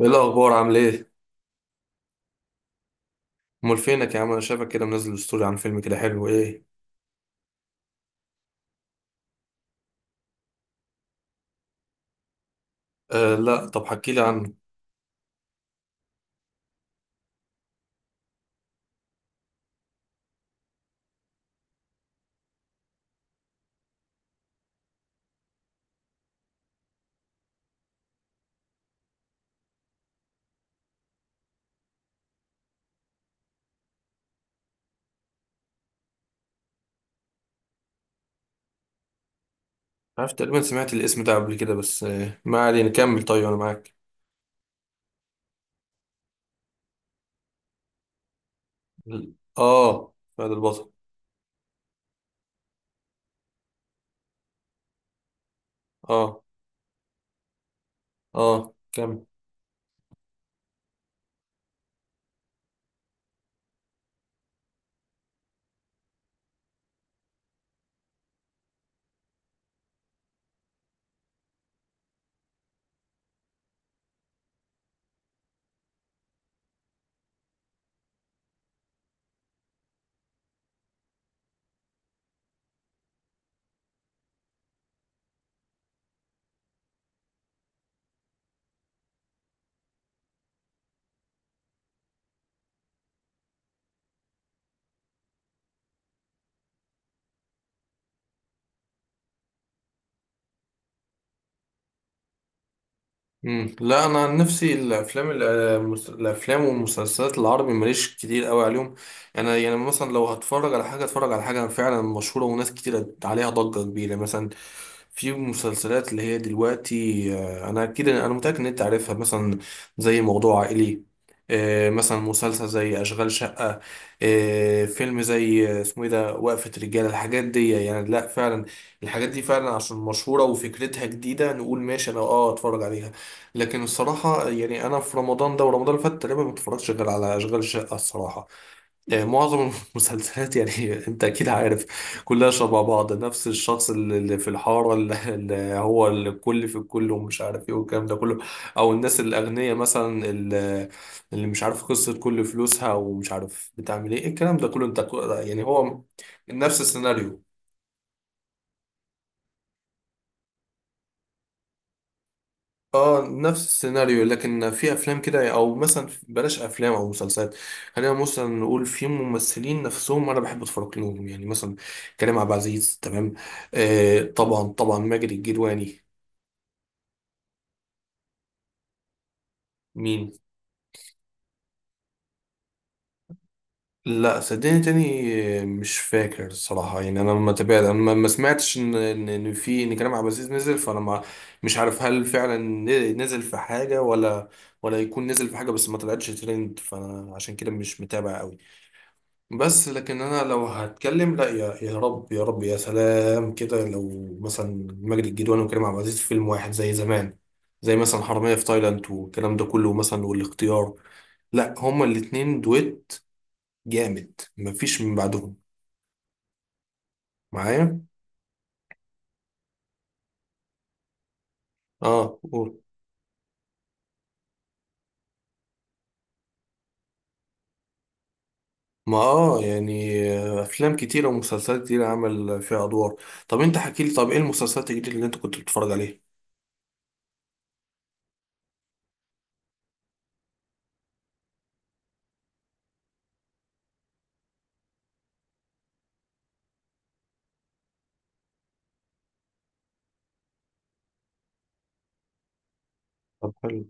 ايه الاخبار؟ عامل ايه؟ امال فينك يا عم؟ انا شايفك كده منزل ستوري عن فيلم كده حلو، ايه؟ آه، لا. طب حكي لي عنه. عارف، تقريبا سمعت الاسم ده قبل كده. بس ما علينا، كمل. طيب انا معاك. اه، فهد البطل. اه، اه، كمل. مم. لا، انا عن نفسي الافلام والمسلسلات العربي ماليش كتير قوي عليهم. انا يعني مثلا لو هتفرج على حاجه، اتفرج على حاجه فعلا مشهوره وناس كتير عليها ضجه كبيره. مثلا في مسلسلات اللي هي دلوقتي، انا اكيد، انا متاكد ان انت عارفها. مثلا زي موضوع عائلي، مثلا مسلسل زي اشغال شقه، فيلم زي اسمه ايه ده، وقفه رجاله، الحاجات دي يعني. لا فعلا الحاجات دي فعلا عشان مشهوره وفكرتها جديده نقول ماشي انا اتفرج عليها. لكن الصراحة يعني أنا في رمضان ده ورمضان اللي فات تقريبا ما اتفرجتش غير على أشغال الشقة الصراحة. معظم المسلسلات يعني أنت أكيد عارف كلها شبه بعض. نفس الشخص اللي في الحارة اللي هو الكل في الكل ومش عارف إيه والكلام ده كله، أو الناس الأغنياء مثلا اللي اللي مش عارف قصة كل فلوسها ومش عارف بتعمل إيه، الكلام ده كله. يعني هو نفس السيناريو. اه، نفس السيناريو. لكن في افلام كده، او مثلا بلاش افلام او مسلسلات، خلينا مثلا نقول في ممثلين نفسهم انا بحب اتفرج لهم، يعني مثلا كريم عبد العزيز، تمام، آه طبعا طبعا ماجد الكدواني. مين؟ لا صدقني تاني، مش فاكر الصراحة. يعني انا ما تابعت، انا ما سمعتش ان ان إن في ان كريم عبد العزيز نزل، فانا ما، مش عارف هل فعلا نزل في حاجة ولا، ولا يكون نزل في حاجة بس ما طلعتش ترند، فانا عشان كده مش متابع قوي. بس لكن انا لو هتكلم، لا يا رب يا رب، يا سلام كده لو مثلا مجدي الجدواني وكريم عبد العزيز في فيلم واحد زي زمان، زي مثلا حرامية في تايلاند والكلام ده كله مثلا، والاختيار، لا هما الاتنين دويت جامد مفيش من بعدهم، معايا. اه، قول. ما يعني افلام كتيرة ومسلسلات كتيرة عمل فيها ادوار. طب انت حكيلي، طب ايه المسلسلات الجديدة اللي انت كنت بتتفرج عليها؟ طب حلو.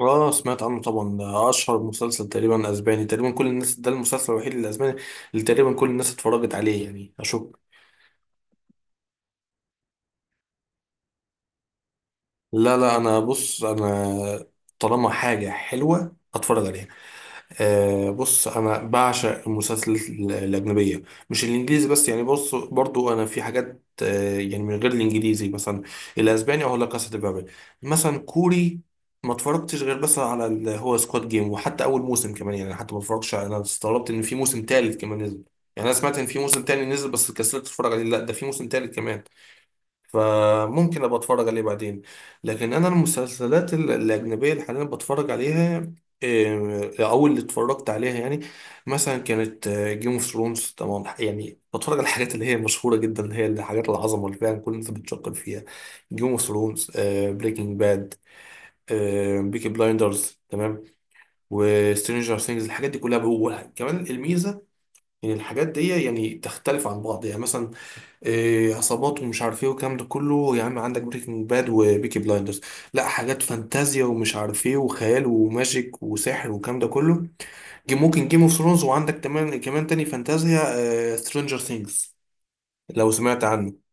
اه، سمعت عنه طبعا. ده اشهر مسلسل تقريبا اسباني، تقريبا كل الناس، ده المسلسل الوحيد الاسباني اللي تقريبا كل الناس اتفرجت عليه، يعني اشك. لا لا، انا بص، انا طالما حاجة حلوة اتفرج عليها. آه، بص انا بعشق المسلسلات الاجنبيه، مش الانجليزي بس. يعني بص، برضو انا في حاجات آه يعني من غير الانجليزي، مثلا الاسباني او لا كاسا دي بابل، مثلا كوري ما اتفرجتش غير بس على هو سكواد جيم، وحتى اول موسم كمان يعني، حتى ما اتفرجتش. انا استغربت ان في موسم تالت كمان نزل، يعني انا سمعت ان في موسم تاني نزل بس كسلت اتفرج عليه، لا ده في موسم تالت كمان، فممكن ابقى اتفرج عليه بعدين. لكن انا المسلسلات الاجنبيه اللي حاليا بتفرج عليها، إيه، او اللي اتفرجت عليها يعني، مثلا كانت جيم اوف ثرونز. طبعا يعني بتفرج على الحاجات اللي هي مشهوره جدا، اللي هي الحاجات العظمه اللي فعلا كل الناس بتشكر فيها: جيم اوف ثرونز، بريكنج باد، بيكي بلايندرز، تمام، وسترينجر ثينجز. الحاجات دي كلها، بقول كمان الميزه ان الحاجات دي يعني تختلف عن بعض. يعني مثلا عصابات ومش عارف ايه والكلام ده كله، يا عم عندك بريكنج باد وبيكي بلايندرز. لا، حاجات فانتازيا ومش عارف ايه وخيال وماجيك وسحر والكلام ده كله، ممكن جيم اوف ثرونز، وعندك كمان كمان تاني فانتازيا سترينجر ثينجز، لو سمعت عنه.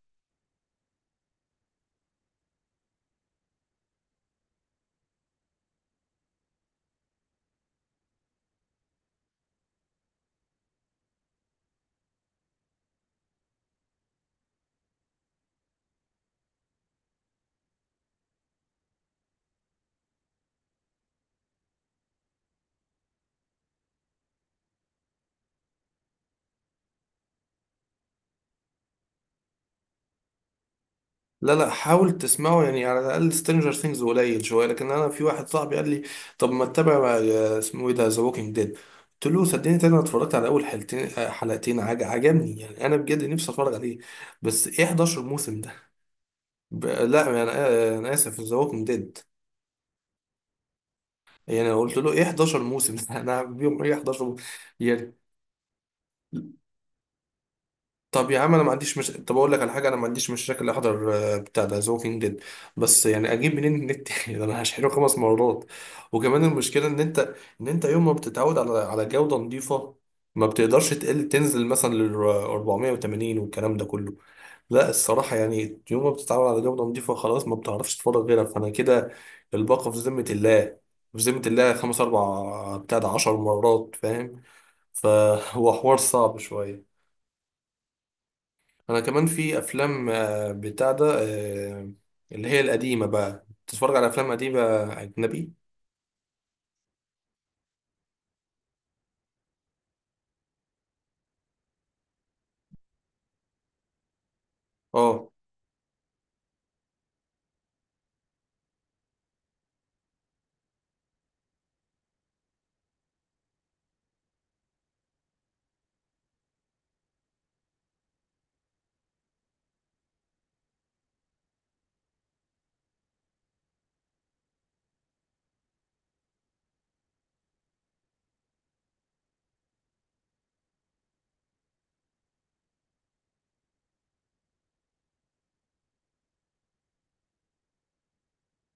لا لا، حاول تسمعه يعني. على الاقل سترينجر ثينجز قليل شويه. لكن انا في واحد صاحبي قال لي: طب ما تتابع اسمه ايه ده، ذا ووكينج ديد؟ قلت له: صدقني تاني، انا اتفرجت على اول حلقتين، حلقتين عجبني، يعني انا بجد نفسي اتفرج عليه. بس ايه 11 موسم؟ لا يعني، انا اسف، ذا ووكينج ديد، يعني أنا قلت له ايه 11 موسم؟ انا بيهم ايه 11 موسم يعني؟ طب يا عم انا ما عنديش مش... طب اقول لك على حاجه، انا ما عنديش مشاكل احضر بتاع ده ذا ووكينج ديد، بس يعني اجيب منين النت؟ ده انا هشحنه خمس مرات. وكمان المشكله ان انت، ان انت يوم ما بتتعود على جوده نظيفه، ما بتقدرش تقل، تنزل مثلا لل 480 والكلام ده كله. لا، الصراحه يعني يوم ما بتتعود على جوده نظيفه خلاص ما بتعرفش تتفرج غيرها، فانا كده الباقه في ذمه الله، في ذمه الله خمس اربع بتاع ده 10 مرات، فاهم؟ فهو حوار صعب شويه. انا كمان في افلام بتاع ده، آه، اللي هي القديمه بقى، تتفرج على افلام قديمه اجنبي. اه،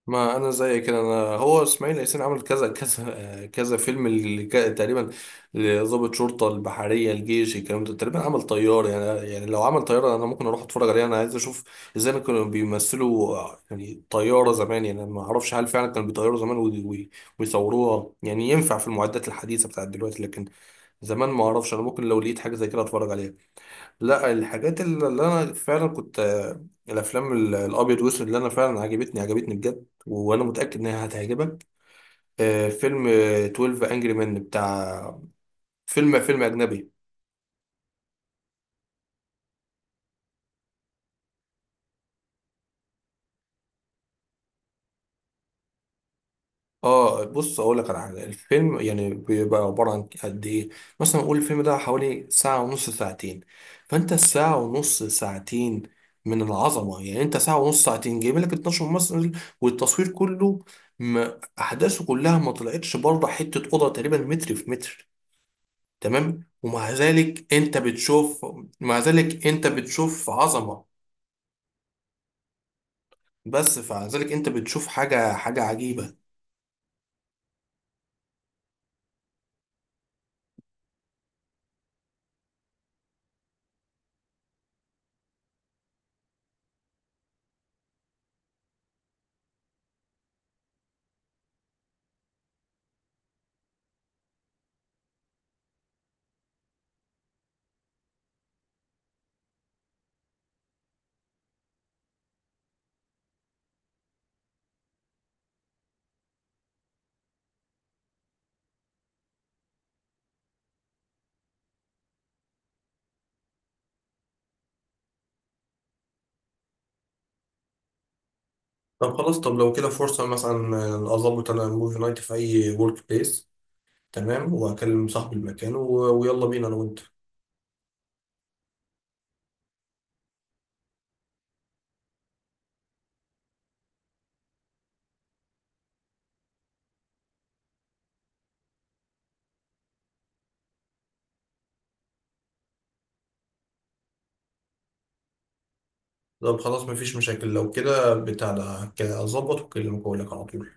ما انا زي كده. انا هو اسماعيل ياسين عمل كذا كذا، كذا فيلم تقريبا لضابط، شرطه، البحريه، الجيش، الكلام ده، تقريبا عمل طيار يعني. يعني لو عمل طياره انا ممكن اروح اتفرج عليه، انا عايز اشوف ازاي كانوا بيمثلوا يعني طياره زمان. يعني أنا ما اعرفش هل فعلا كانوا بيطيروا زمان، ويصوروها، يعني ينفع في المعدات الحديثه بتاعت دلوقتي، لكن زمان ما اعرفش، انا ممكن لو لقيت حاجه زي كده اتفرج عليها. لا، الحاجات اللي انا فعلا كنت، الافلام الابيض والاسود، اللي انا فعلا عجبتني، عجبتني بجد، وانا متاكد انها هتعجبك: فيلم 12 انجري مان، بتاع، فيلم، فيلم اجنبي. اه، بص اقول لك على حاجه، الفيلم يعني بيبقى عباره عن قد ايه؟ مثلا نقول الفيلم ده حوالي ساعه ونص، ساعتين. فانت الساعه ونص ساعتين من العظمه. يعني انت ساعه ونص ساعتين جايب لك 12 ممثل والتصوير كله، ما احداثه كلها ما طلعتش بره حته اوضه تقريبا متر في متر، تمام؟ ومع ذلك انت بتشوف، مع ذلك انت بتشوف عظمه، بس فمع ذلك انت بتشوف حاجه عجيبه. طب خلاص، طب لو كده فرصة مثلا أظبط أنا موفي نايت في أي ورك بليس، تمام، وأكلم صاحب المكان، و... ويلا بينا أنا وأنت. طب خلاص، مفيش مشاكل لو كده، بتاع ده أظبط وأكلمك وأقول لك على طول.